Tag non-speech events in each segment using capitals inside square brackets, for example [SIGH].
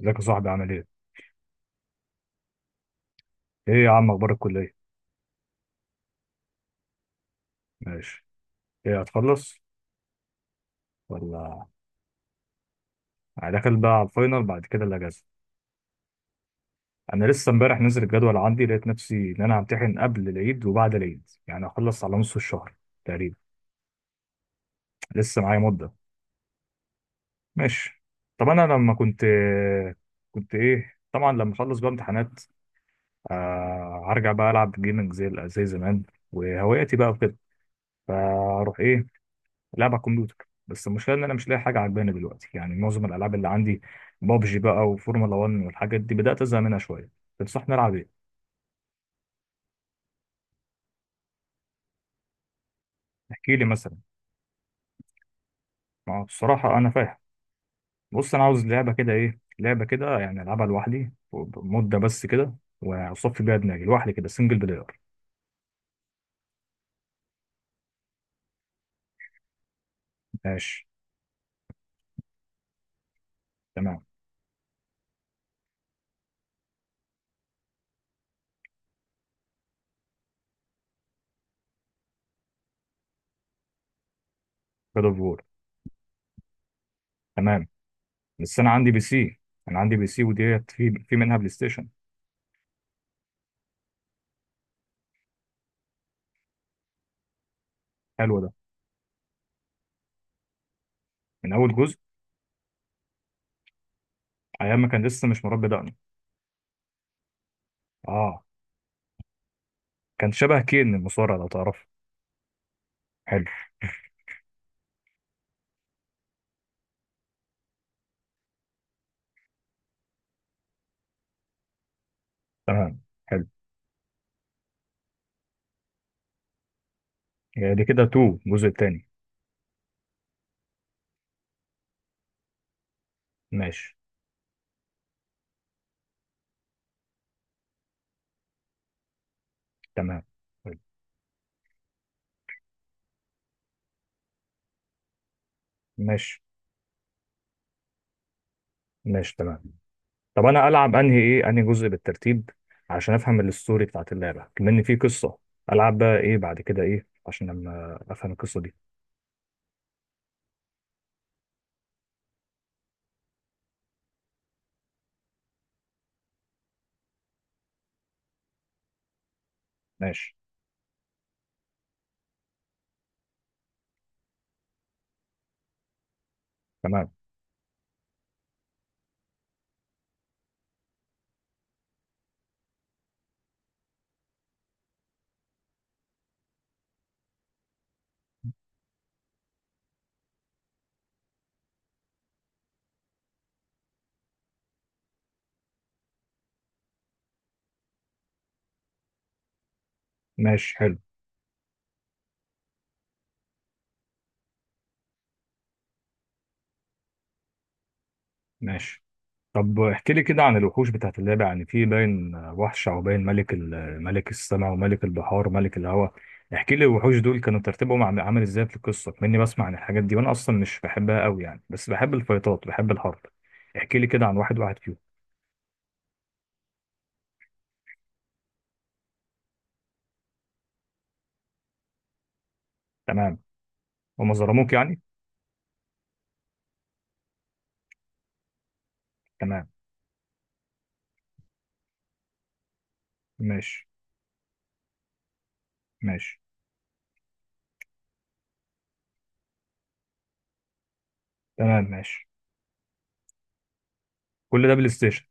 ازيك يا صاحبي عامل ايه؟ ايه يا عم اخبار الكلية؟ ماشي. ايه هتخلص؟ ولا هدخل بقى على الفاينل بعد كده الاجازة؟ انا لسه امبارح نزل الجدول عندي، لقيت نفسي ان انا همتحن قبل العيد وبعد العيد، يعني هخلص على نص الشهر تقريبا. لسه معايا مدة. ماشي. طب انا لما كنت ايه، طبعا لما اخلص بقى امتحانات آه هرجع بقى العب جيمنج زي زمان، وهواياتي بقى وكده. فاروح ايه، لعب على الكمبيوتر، بس المشكله ان انا مش لاقي حاجه عجباني دلوقتي، يعني معظم الالعاب اللي عندي بابجي بقى وفورمولا 1 والحاجات دي بدات ازهق منها شويه. تنصحني العب ايه؟ احكي لي مثلا. ما هو بصراحه انا فاهم. بص انا عاوز لعبه كده ايه، لعبه كده يعني العبها لوحدي. مده بس كده. واصفي بيها دماغي لوحدي كده، سنجل بلاير. ماشي تمام. جاد اوف وور. تمام، بس انا عندي بي سي. انا عندي بي سي وديت في منها بلاي ستيشن. حلو ده. من اول جزء. ايام ما كان لسه مش مربي دقني. اه. كان شبه كين المصارع لو تعرفه. حلو، تمام حلو. يعني دي كده 2، الجزء التاني. ماشي تمام حلو. ماشي ماشي تمام. طب انا العب انهي ايه، انهي جزء بالترتيب عشان افهم الستوري بتاعت اللعبه، بما ان في قصه؟ العب بقى ايه بعد كده، ايه عشان لما افهم القصه دي؟ ماشي تمام. ماشي حلو. ماشي. طب احكي لي كده عن الوحوش بتاعت اللعبة، يعني في باين وحش او باين ملك ملك السماء وملك البحار وملك الهواء. احكي لي الوحوش دول كانوا ترتيبهم عامل ازاي في القصة، مني بسمع عن الحاجات دي وانا اصلا مش بحبها قوي يعني، بس بحب الفيطات بحب الحرب. احكي لي كده عن واحد واحد فيهم. تمام. هما ظلموك يعني. تمام ماشي. ماشي تمام. ماشي. كل ده بلاي ستيشن؟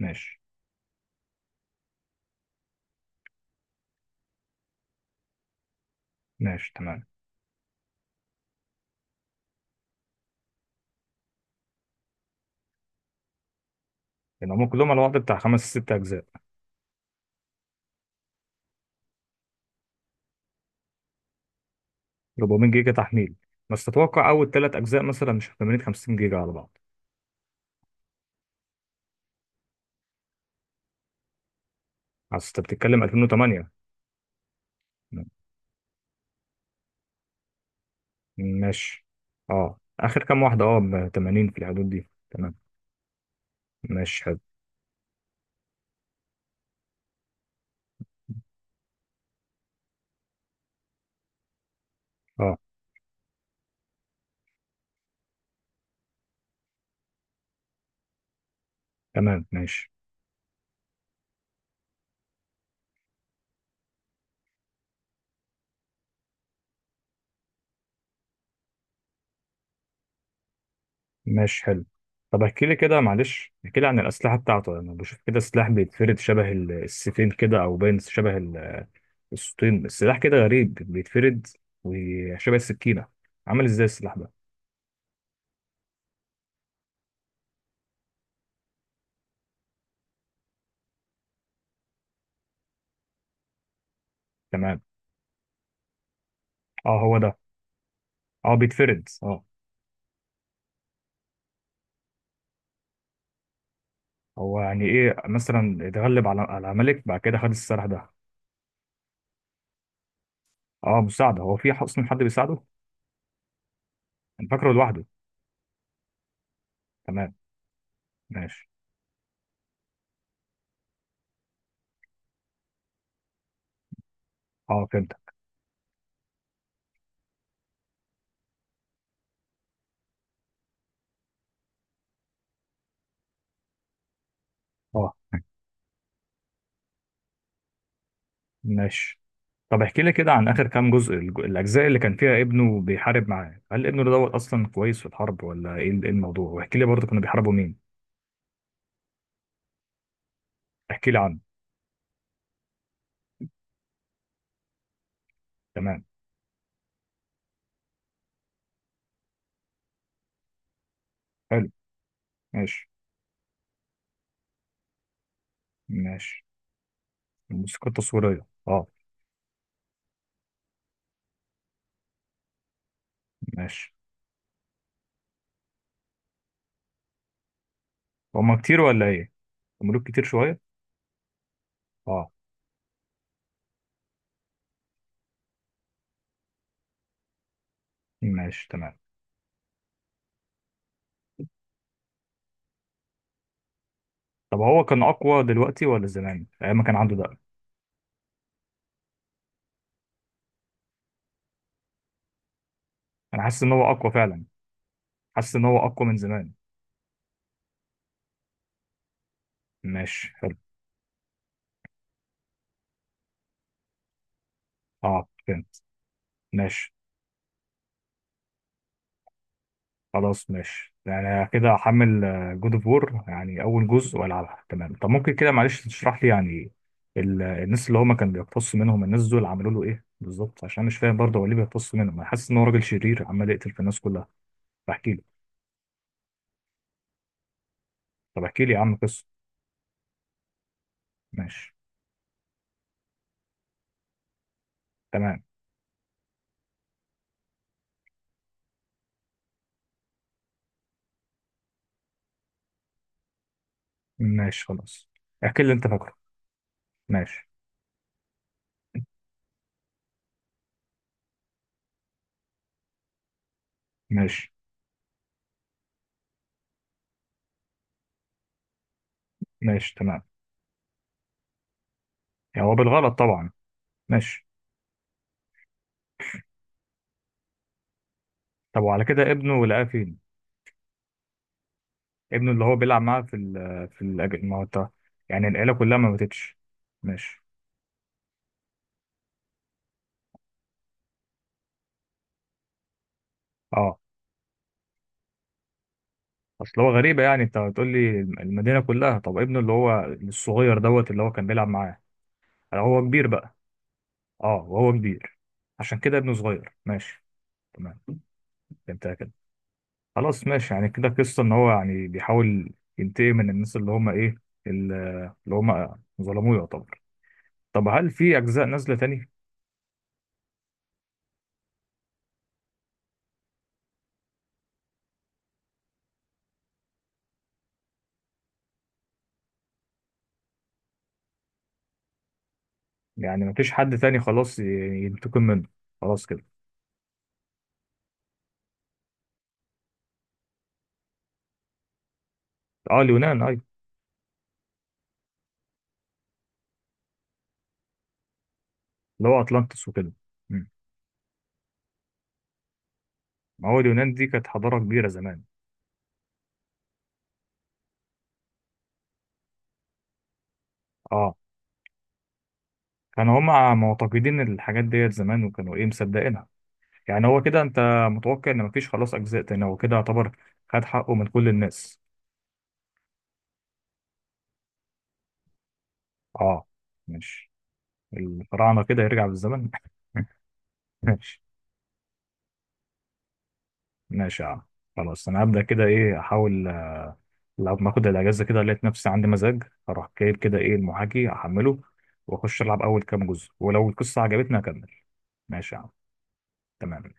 ماشي. ماشي تمام. يعني هم كلهم على بعض بتاع خمس ست اجزاء. 400 جيجا تحميل؟ بس تتوقع اول ثلاث اجزاء مثلا، مش 80 50 جيجا على بعض؟ اصل انت بتتكلم 2008. ماشي. اه اخر كام واحده، اه ب 80 في الحدود دي، تمام. ماشي حلو. اه تمام. ماشي. ماشي حلو. طب احكي لي كده، معلش احكي لي عن الاسلحه بتاعته، انا بشوف كده سلاح بيتفرد شبه السيفين كده، او باين شبه السطين، السلاح كده غريب بيتفرد، وشبه السكينه. عامل ازاي السلاح ده؟ تمام. اه هو ده. اه بيتفرد اه. هو يعني ايه مثلا، اتغلب على ملك بعد كده خد السلاح ده؟ اه مساعده، هو في اصلا حد بيساعده؟ انا فاكره لوحده. تمام ماشي. اه فهمت. اه. ماشي. طب احكي لي كده عن اخر كام جزء، الاجزاء اللي كان فيها ابنه بيحارب معاه، هل ابنه ده دوت اصلا كويس في الحرب ولا ايه إيه الموضوع، واحكي لي برضه كانوا بيحاربوا مين؟ احكي لي عنه. تمام حلو. ماشي. ماشي. الموسيقى التصويريه اه. ماشي. هما كتير ولا ايه، ملوك كتير شويه؟ اه. ماشي تمام. طب هو كان اقوى دلوقتي ولا زمان ايام ما كان عنده ده؟ انا حاسس ان هو اقوى فعلا. حاسس ان هو اقوى من زمان. ماشي حلو. اه فهمت. ماشي. خلاص ماشي، يعني كده هحمل جود اوف وور يعني اول جزء والعبها، تمام. طب ممكن كده معلش تشرح لي يعني الناس اللي هما كان بيقتص منهم، الناس دول عملوا له ايه بالظبط، عشان مش فاهم برضه هو ليه بيقتص منهم، انا حاسس ان هو راجل شرير عمال يقتل في الناس كلها. بحكي له. طب احكي لي يا عم قصه. ماشي تمام. ماشي خلاص، احكي اللي انت فاكره. ماشي ماشي ماشي تمام. يعني هو بالغلط طبعا. ماشي. طب وعلى كده ابنه لقاه فين، ابنه اللي هو بيلعب معاه في ما هو انت؟ يعني العيلة كلها ما ماتتش؟ ماشي. اه. اصل هو غريبة يعني، انت هتقول لي المدينة كلها، طب ابنه اللي هو الصغير دوت اللي هو كان بيلعب معاه؟ هل هو كبير بقى؟ اه وهو كبير، عشان كده ابنه صغير. ماشي تمام. فهمتها كده. خلاص ماشي، يعني كده قصة ان هو يعني بيحاول ينتقم من الناس اللي هم ايه، ال- اللي هم ظلموه يعتبر. طب هل في اجزاء نازلة تاني؟ يعني مفيش حد تاني خلاص ينتقم منه؟ خلاص كده. اه اليونان ايوه. اللي هو أطلانتس وكده. مم. ما هو اليونان دي كانت حضارة كبيرة زمان. اه. كانوا هم معتقدين الحاجات ديت زمان، وكانوا ايه مصدقينها. يعني هو كده انت متوقع ان مفيش خلاص اجزاء تاني، هو كده يعتبر خد حقه من كل الناس. اه ماشي. الفراعنة كده يرجع بالزمن [LAUGHS] ماشي. ماشي يا عم. خلاص انا هبدأ كده ايه احاول، لو ما اخد الاجازة كده لقيت نفسي عندي مزاج اروح جايب كده ايه المحاكي احمله واخش العب اول كام جزء، ولو القصة عجبتني اكمل. ماشي يا عم. تمام.